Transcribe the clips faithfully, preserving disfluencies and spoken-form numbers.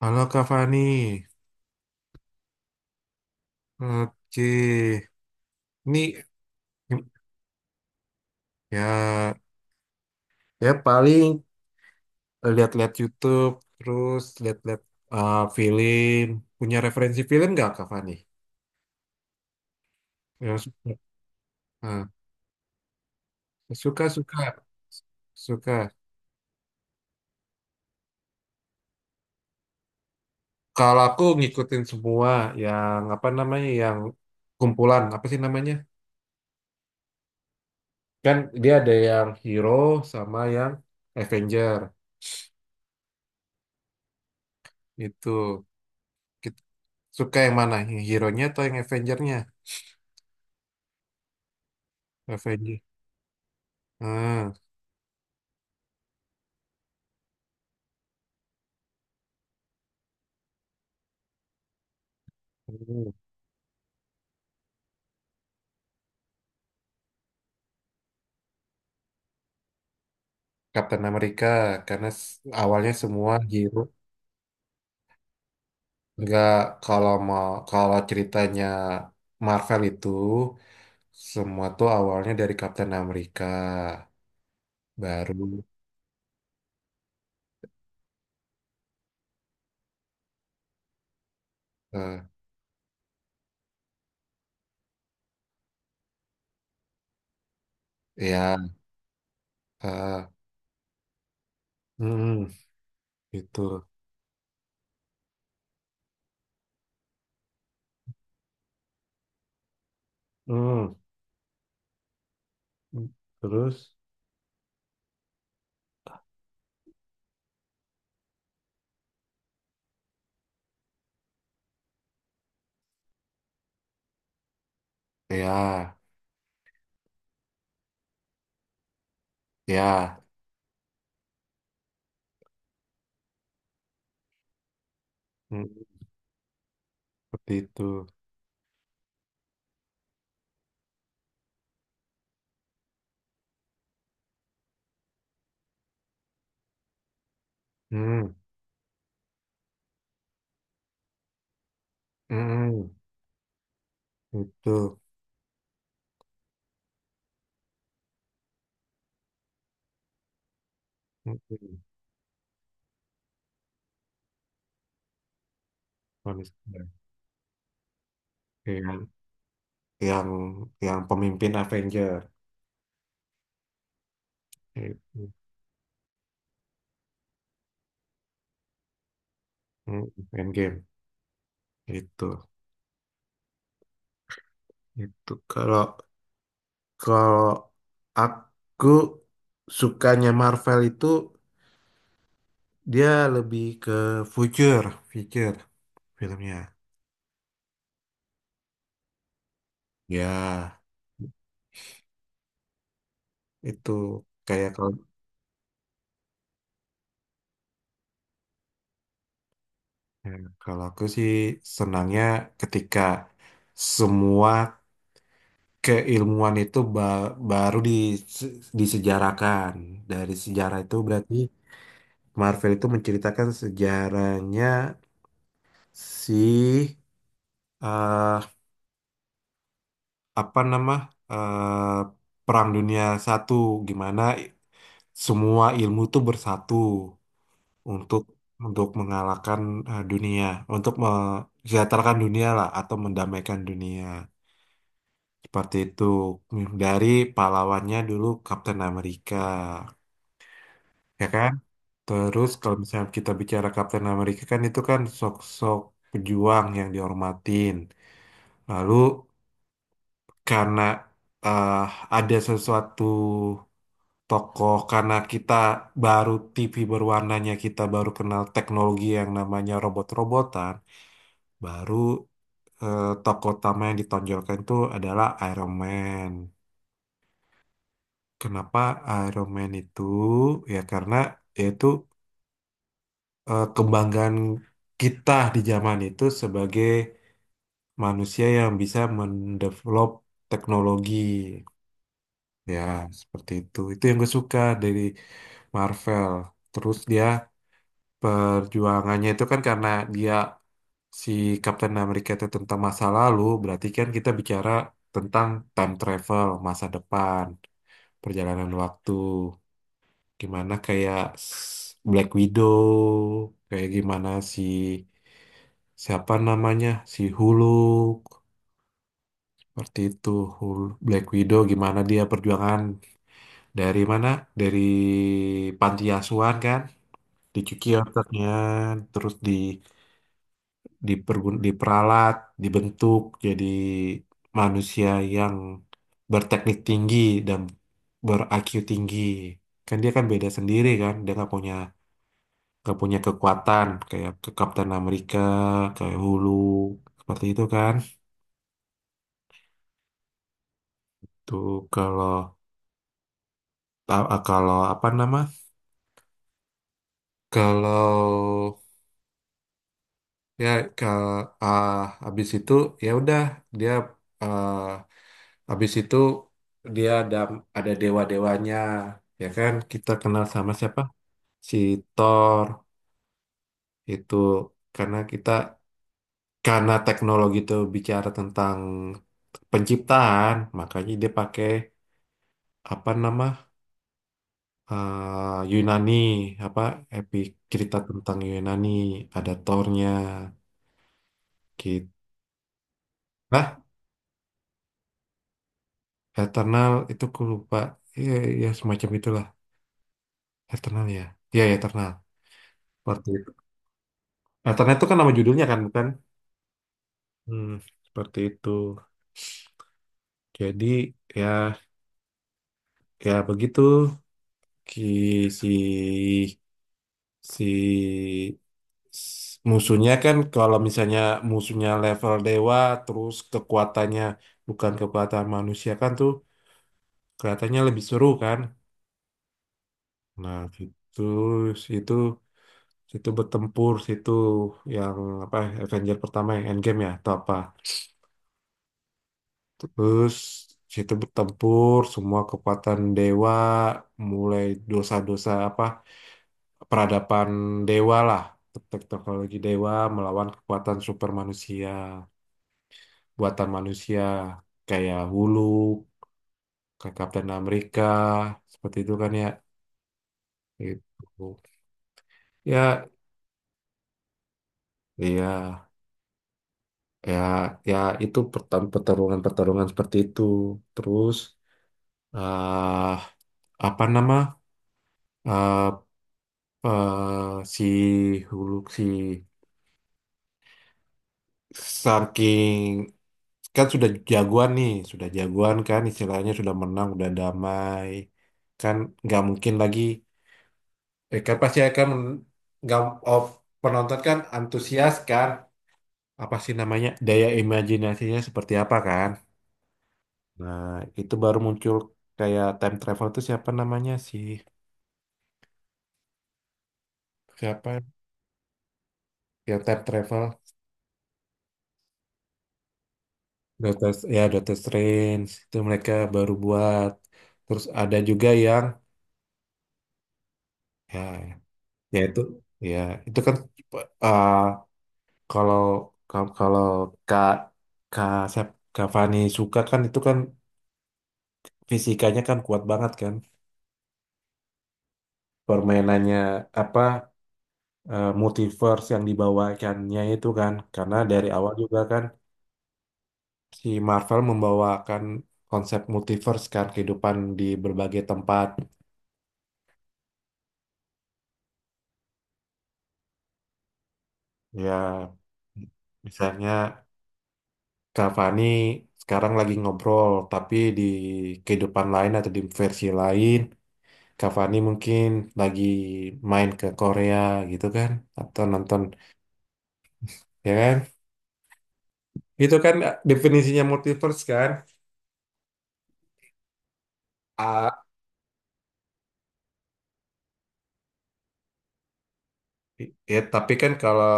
Halo Kak Fani, oke. Ini, ya, ya paling lihat-lihat YouTube, terus lihat-lihat uh, film. Punya referensi film nggak Kak Fani? Ya, suka. Ah, suka, suka, suka. Kalau aku ngikutin semua yang apa namanya, yang kumpulan apa sih namanya? Kan dia ada yang hero sama yang Avenger itu. Kita- Suka yang mana? Yang hero-nya atau yang Avenger-nya? Avenger. Hmm, hmm. Kapten Amerika, karena s- awalnya semua hero nggak, kalau mau kalau ceritanya Marvel itu semua tuh awalnya dari Kapten Amerika, baru eh, ya, eh, hmm, gitu. Hmm. Terus, ya, ya, hmm, seperti itu. Hmm, hmm. Itu. Hmm. Manusia. yang yang yang pemimpin Avenger. Mm, mm, main game itu. Itu kalau, kalau aku, sukanya Marvel itu dia lebih ke future, future filmnya. Ya, itu kayak kalau, ya, kalau aku sih senangnya ketika semua keilmuan itu ba- baru dise- disejarakan dari sejarah. Itu berarti Marvel itu menceritakan sejarahnya si, eh, apa nama, eh, Perang Dunia Satu, gimana i- semua ilmu tuh bersatu untuk untuk mengalahkan eh, dunia, untuk mensejahterakan dunia lah, atau mendamaikan dunia, seperti itu, dari pahlawannya dulu Kapten Amerika, ya kan? Terus kalau misalnya kita bicara Kapten Amerika, kan itu kan sok-sok pejuang yang dihormatin, lalu karena eh, ada sesuatu tokoh, karena kita baru T V berwarnanya, kita baru kenal teknologi yang namanya robot-robotan, baru eh, tokoh utama yang ditonjolkan itu adalah Iron Man. Kenapa Iron Man itu? Ya karena yaitu, eh, kebanggaan kita di zaman itu sebagai manusia yang bisa mendevelop teknologi. Ya, seperti itu. Itu yang gue suka dari Marvel. Terus dia perjuangannya itu kan karena dia, si Captain America itu tentang masa lalu. Berarti kan kita bicara tentang time travel, masa depan, perjalanan waktu. Gimana kayak s- Black Widow, kayak gimana, si, siapa namanya? Si Hulk. Seperti itu. Hulk, Black Widow, gimana dia perjuangan dari mana? Dari panti asuhan kan, dicuci otaknya, terus di, dipergun- diperalat, dibentuk jadi manusia yang berteknik tinggi dan ber-I Q tinggi. Kan dia kan beda sendiri kan, dia nggak punya, nggak punya kekuatan kayak ke Kapten Amerika, kayak Hulu, seperti itu kan. Tuh, kalau, ta- kalau apa nama? Kalau, ya, ke, ah, habis itu ya udah, dia, ah, habis itu dia ada ada dewa-dewanya. Ya kan kita kenal sama siapa, si Thor itu, karena kita, karena teknologi itu bicara tentang penciptaan, makanya dia pakai apa nama, ah, Yunani, apa, epic, cerita tentang Yunani, ada Thornya gitu. Nah, Eternal itu aku lupa. Iya, ya semacam itulah. Eternal ya. Iya, ya, Eternal. Seperti itu. Eternal itu kan nama judulnya kan, bukan? Hmm, seperti itu. Jadi, ya, ya begitu. Ki, si, si, s- musuhnya, kan kalau misalnya musuhnya level dewa, terus kekuatannya bukan kekuatan manusia kan tuh, kelihatannya lebih seru kan? Nah, situ, situ, situ bertempur, situ yang apa, Avenger pertama yang Endgame ya atau apa? Terus situ bertempur semua kekuatan dewa, mulai dosa-dosa apa, peradaban dewa lah, tek- teknologi dewa melawan kekuatan super manusia buatan manusia kayak Hulu, kayak Kapten Amerika, seperti itu kan ya. Itu ya, iya, ya, ya itu pertan- pertarungan-pertarungan seperti itu. Terus eh apa nama, eh, eh si Hulu, si Star King kan sudah jagoan nih, sudah jagoan kan, istilahnya sudah menang, udah damai. Kan nggak mungkin lagi, eh, kan pasti akan men- nggak, oh, penonton kan antusias kan, apa sih namanya, daya imajinasinya seperti apa kan. Nah, itu baru muncul kayak time travel itu siapa namanya sih? Siapa ya? Yang time travel? Doctor, ya Doctor Strange itu mereka baru buat. Terus ada juga yang, ya, ya itu, ya itu kan, uh, kalau kalau kalau Kak, Kak siap- Kak Fani suka kan itu kan, fisikanya kan kuat banget kan, permainannya apa, uh, multiverse yang dibawakannya itu kan, karena dari awal juga kan si Marvel membawakan konsep multiverse kan, kehidupan di berbagai tempat. Ya misalnya Kak Fani sekarang lagi ngobrol, tapi di kehidupan lain atau di versi lain, Kak Fani mungkin lagi main ke Korea gitu kan, atau nonton, ya kan? Itu kan eh, definisinya multiverse kan? Ah, ya, tapi kan kalau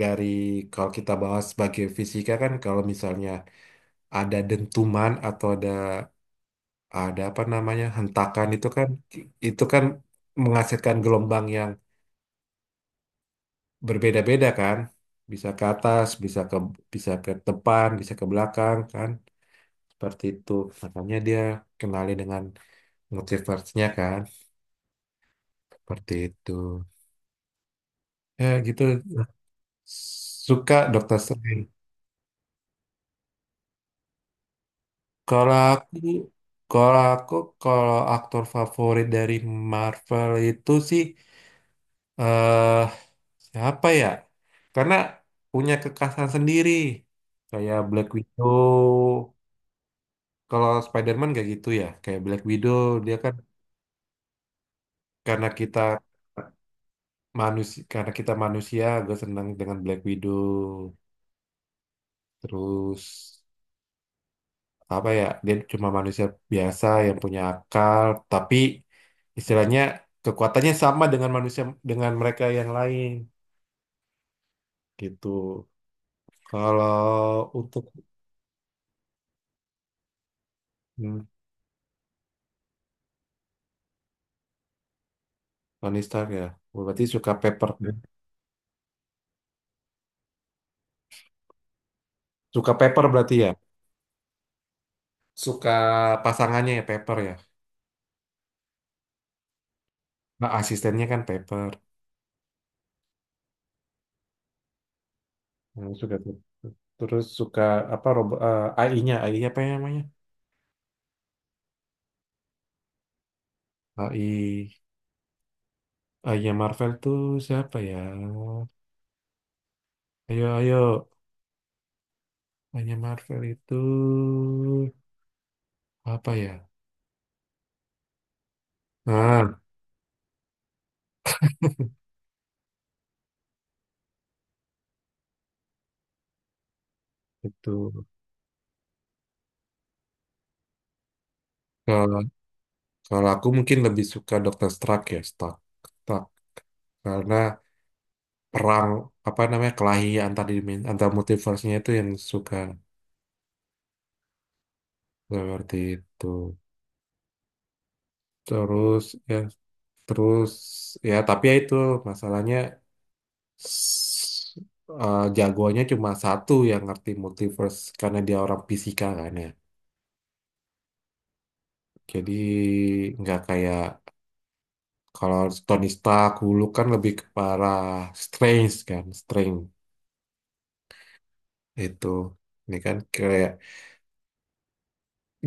dari, kalau kita bahas sebagai fisika kan, kalau misalnya ada dentuman atau ada, ada apa namanya, hentakan itu kan, itu kan menghasilkan gelombang yang berbeda-beda kan, bisa ke atas, bisa ke, bisa ke depan bisa ke belakang kan, seperti itu makanya dia kenali dengan multiverse-nya kan, seperti itu, ya gitu. Suka Dokter Strange. kalau aku kalau aku kalau aktor favorit dari Marvel itu sih, eh siapa ya, karena punya kekhasan sendiri kayak Black Widow. Kalau Spider-Man kayak gitu ya, kayak Black Widow, dia kan, karena kita manusia, karena kita manusia gue senang dengan Black Widow. Terus apa ya, dia cuma manusia biasa yang punya akal, tapi istilahnya kekuatannya sama dengan manusia dengan mereka yang lain gitu. Kalau untuk, hmm, Tony Stark ya, berarti suka Pepper, suka Pepper berarti ya, suka pasangannya ya Pepper ya, nah asistennya kan Pepper. Hmm, sudah tuh. Terus suka apa, robo- eh, A I-nya, AI apa yang namanya? AI, A I-nya Marvel tuh siapa ya? Ayo, ayo, A I-nya Marvel itu apa ya? Nah, itu. Kalau, kalau aku mungkin lebih suka doktor Stark ya, Stark. Stark. Karena perang apa namanya, kelahi antar, dimen- antar multiverse-nya itu yang suka, seperti itu. Terus ya, terus ya tapi ya itu masalahnya, s- eh, jagoannya cuma satu yang ngerti multiverse karena dia orang fisika kan ya. Jadi nggak kayak kalau Tony Stark dulu kan lebih ke parah strange kan, strange itu. Ini kan kayak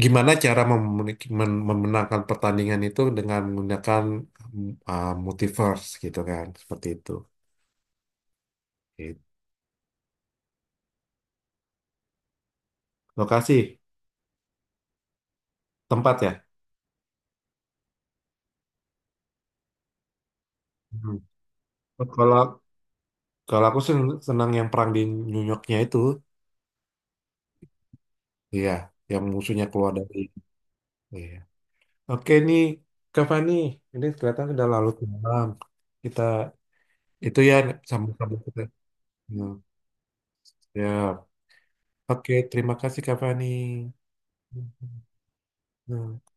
gimana cara memen- men- memenangkan pertandingan itu dengan menggunakan, mm, ah, multiverse gitu kan, seperti itu. Gitu. Lokasi, tempat ya. Hmm. Kalau, kalau aku sen- senang yang perang di New Yorknya itu. Iya, yang musuhnya keluar dari. Iya. Oke nih, Kak Fani, ini kelihatan sudah larut malam. Kita itu ya sambung-sambung kita. Hmm, siap. Oke, terima kasih Kak Fani. Hmm.